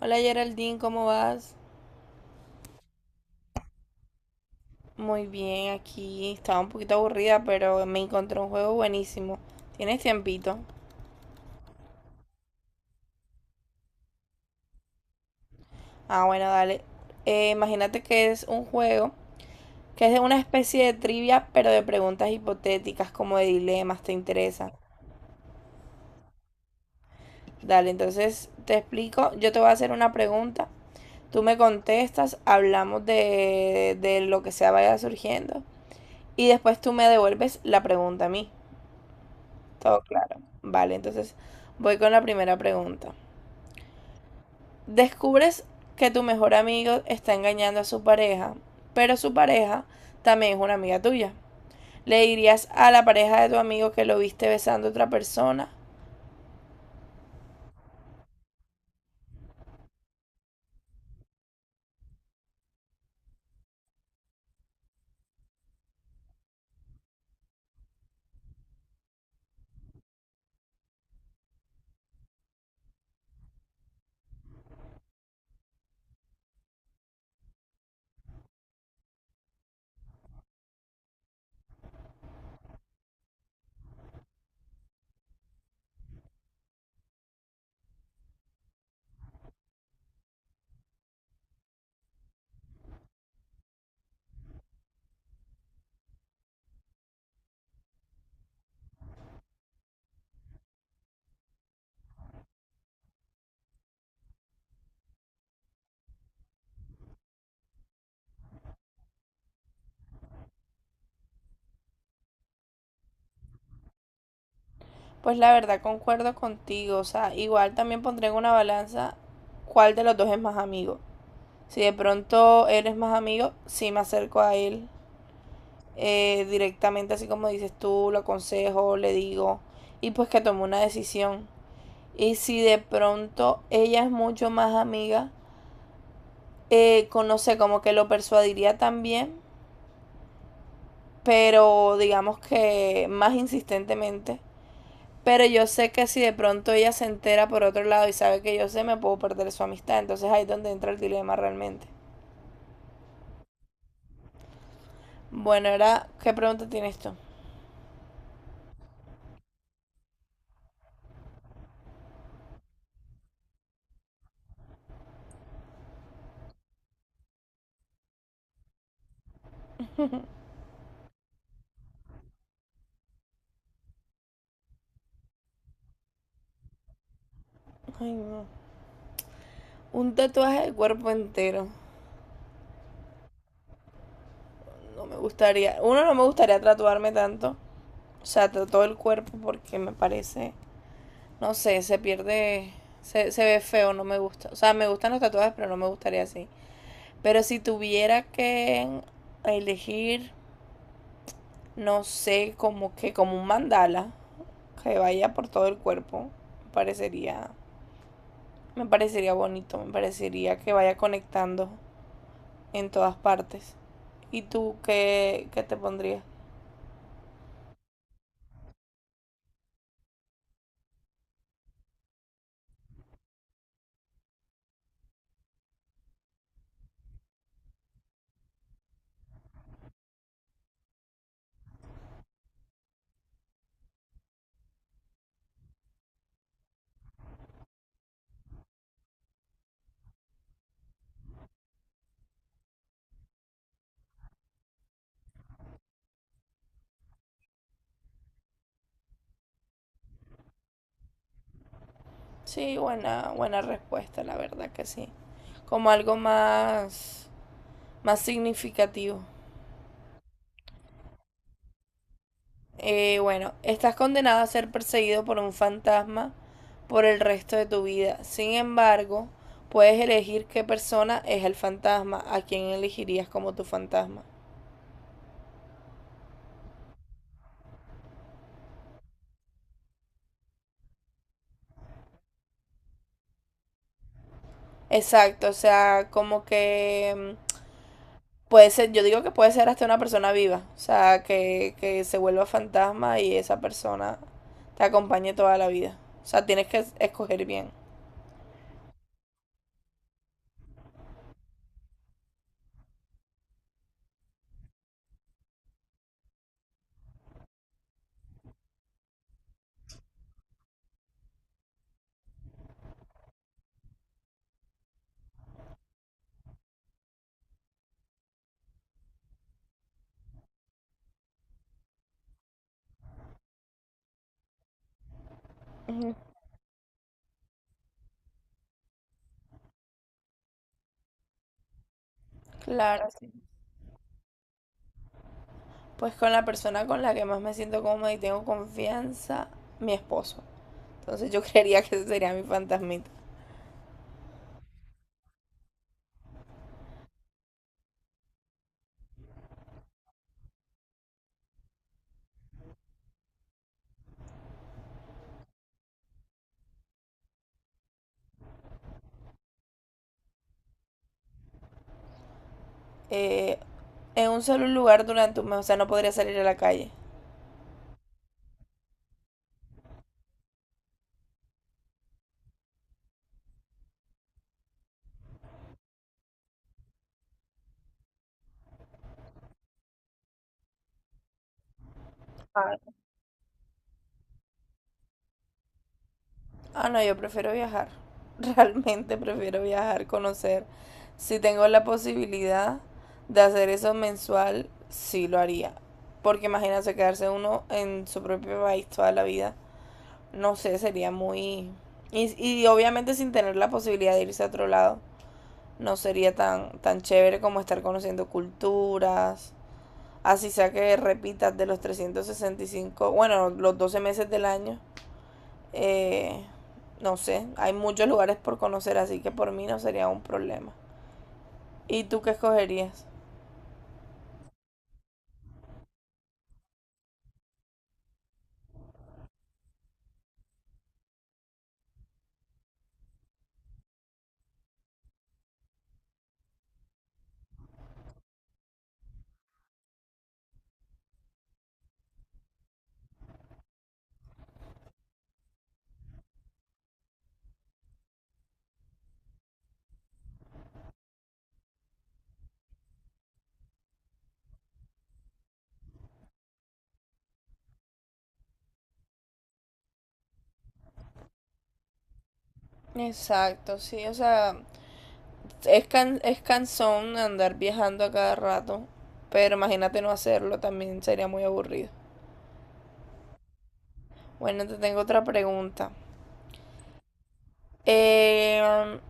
Hola Geraldine, ¿cómo vas? Muy bien, aquí estaba un poquito aburrida, pero me encontré un juego buenísimo. ¿Tienes tiempito? Ah, bueno, dale. Imagínate que es un juego que es de una especie de trivia, pero de preguntas hipotéticas, como de dilemas, ¿te interesa? Dale, entonces te explico. Yo te voy a hacer una pregunta, tú me contestas, hablamos de lo que sea vaya surgiendo, y después tú me devuelves la pregunta a mí. Todo claro. Vale, entonces voy con la primera pregunta. Descubres que tu mejor amigo está engañando a su pareja, pero su pareja también es una amiga tuya. ¿Le dirías a la pareja de tu amigo que lo viste besando a otra persona? Pues la verdad concuerdo contigo, o sea, igual también pondré en una balanza cuál de los dos es más amigo. Si de pronto él es más amigo, sí me acerco a él directamente, así como dices tú, lo aconsejo, le digo, y pues que tome una decisión. Y si de pronto ella es mucho más amiga, no sé, como que lo persuadiría también, pero digamos que más insistentemente. Pero yo sé que si de pronto ella se entera por otro lado y sabe que yo sé, me puedo perder su amistad. Entonces ahí es donde entra el dilema realmente. Bueno, ahora, ¿qué pregunta tiene esto? Ay, no. Un tatuaje del cuerpo entero. No me gustaría. Uno, no me gustaría tatuarme tanto. O sea, todo el cuerpo porque me parece no sé, se pierde, se ve feo, no me gusta. O sea, me gustan los tatuajes, pero no me gustaría así. Pero si tuviera que elegir, no sé, como que como un mandala que vaya por todo el cuerpo, me parecería, me parecería bonito, me parecería que vaya conectando en todas partes. ¿Y tú qué te pondrías? Sí, buena, buena respuesta, la verdad que sí. Como algo más, más significativo. Bueno, estás condenado a ser perseguido por un fantasma por el resto de tu vida. Sin embargo, puedes elegir qué persona es el fantasma, a quién elegirías como tu fantasma. Exacto, o sea, como que mm, puede ser, yo digo que puede ser hasta una persona viva, o sea, que se vuelva fantasma y esa persona te acompañe toda la vida. O sea, tienes que escoger bien. Ujú. Claro, sí. Pues con la persona con la que más me siento cómoda y tengo confianza, mi esposo. Entonces yo creería que ese sería mi fantasmita. Eh, en un solo lugar durante un mes, o sea, no podría salir a la calle. Ah, Ah, no, yo prefiero viajar. Realmente prefiero viajar, conocer. Si tengo la posibilidad de hacer eso mensual, sí lo haría. Porque imagínense quedarse uno en su propio país toda la vida. No sé, sería muy... Y, y obviamente sin tener la posibilidad de irse a otro lado, no sería tan chévere como estar conociendo culturas. Así sea que repitas de los 365 bueno, los 12 meses del año. Eh, no sé, hay muchos lugares por conocer, así que por mí no sería un problema. ¿Y tú qué escogerías? Exacto, sí, o sea, es cansón andar viajando a cada rato, pero imagínate no hacerlo, también sería muy aburrido. Bueno, te tengo otra pregunta. Eh,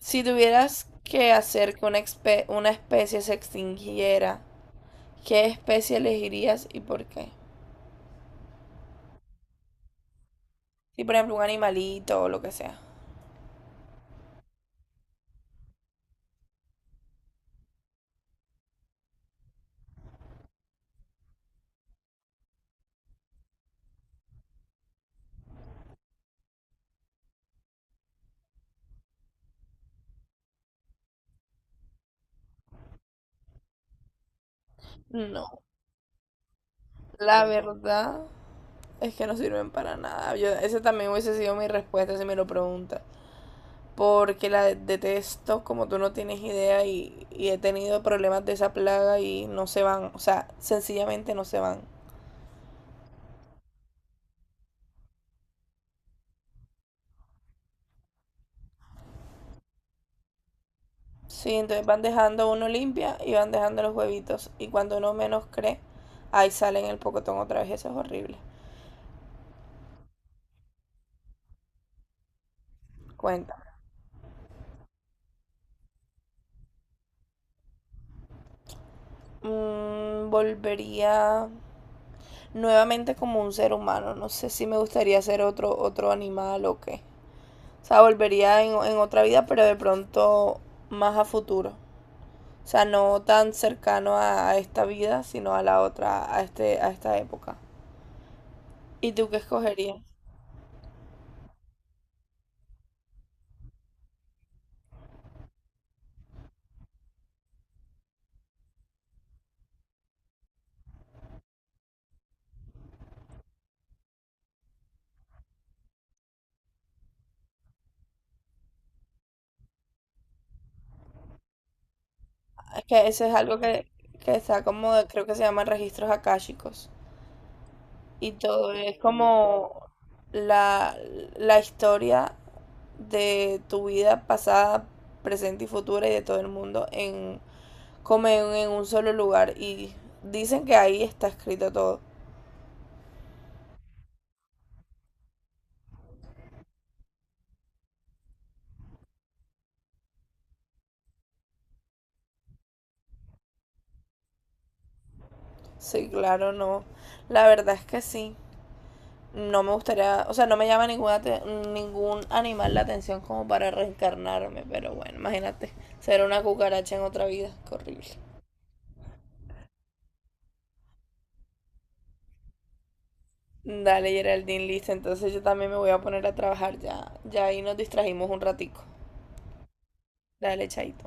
si tuvieras que hacer que una especie se extinguiera, ¿qué especie elegirías y por qué? Si, por ejemplo, un animalito o lo que sea. No, la verdad es que no sirven para nada. Yo, esa también hubiese sido mi respuesta si me lo preguntas. Porque la detesto, como tú no tienes idea, y he tenido problemas de esa plaga y no se van. O sea, sencillamente no se van. Sí, entonces van dejando uno limpia y van dejando los huevitos. Y cuando uno menos cree, ahí sale en el pocotón otra vez. Eso es horrible. Cuéntame. Mm, volvería nuevamente como un ser humano. No sé si me gustaría ser otro, otro animal o qué. O sea, volvería en otra vida, pero de pronto más a futuro. O sea, no tan cercano a esta vida, sino a la otra, a esta época. ¿Y tú qué escogerías? Es que eso es algo que está como, creo que se llama registros akáshicos. Y todo es como la, la historia de tu vida pasada, presente y futura y de todo el mundo en, como en un solo lugar. Y dicen que ahí está escrito todo. Sí, claro, no. La verdad es que sí. No me gustaría, o sea, no me llama ninguna, ningún animal la atención como para reencarnarme, pero bueno, imagínate, ser una cucaracha en otra vida, qué horrible. Dale, Geraldine, listo, entonces yo también me voy a poner a trabajar ya ahí nos distrajimos un ratico. Dale, chaito.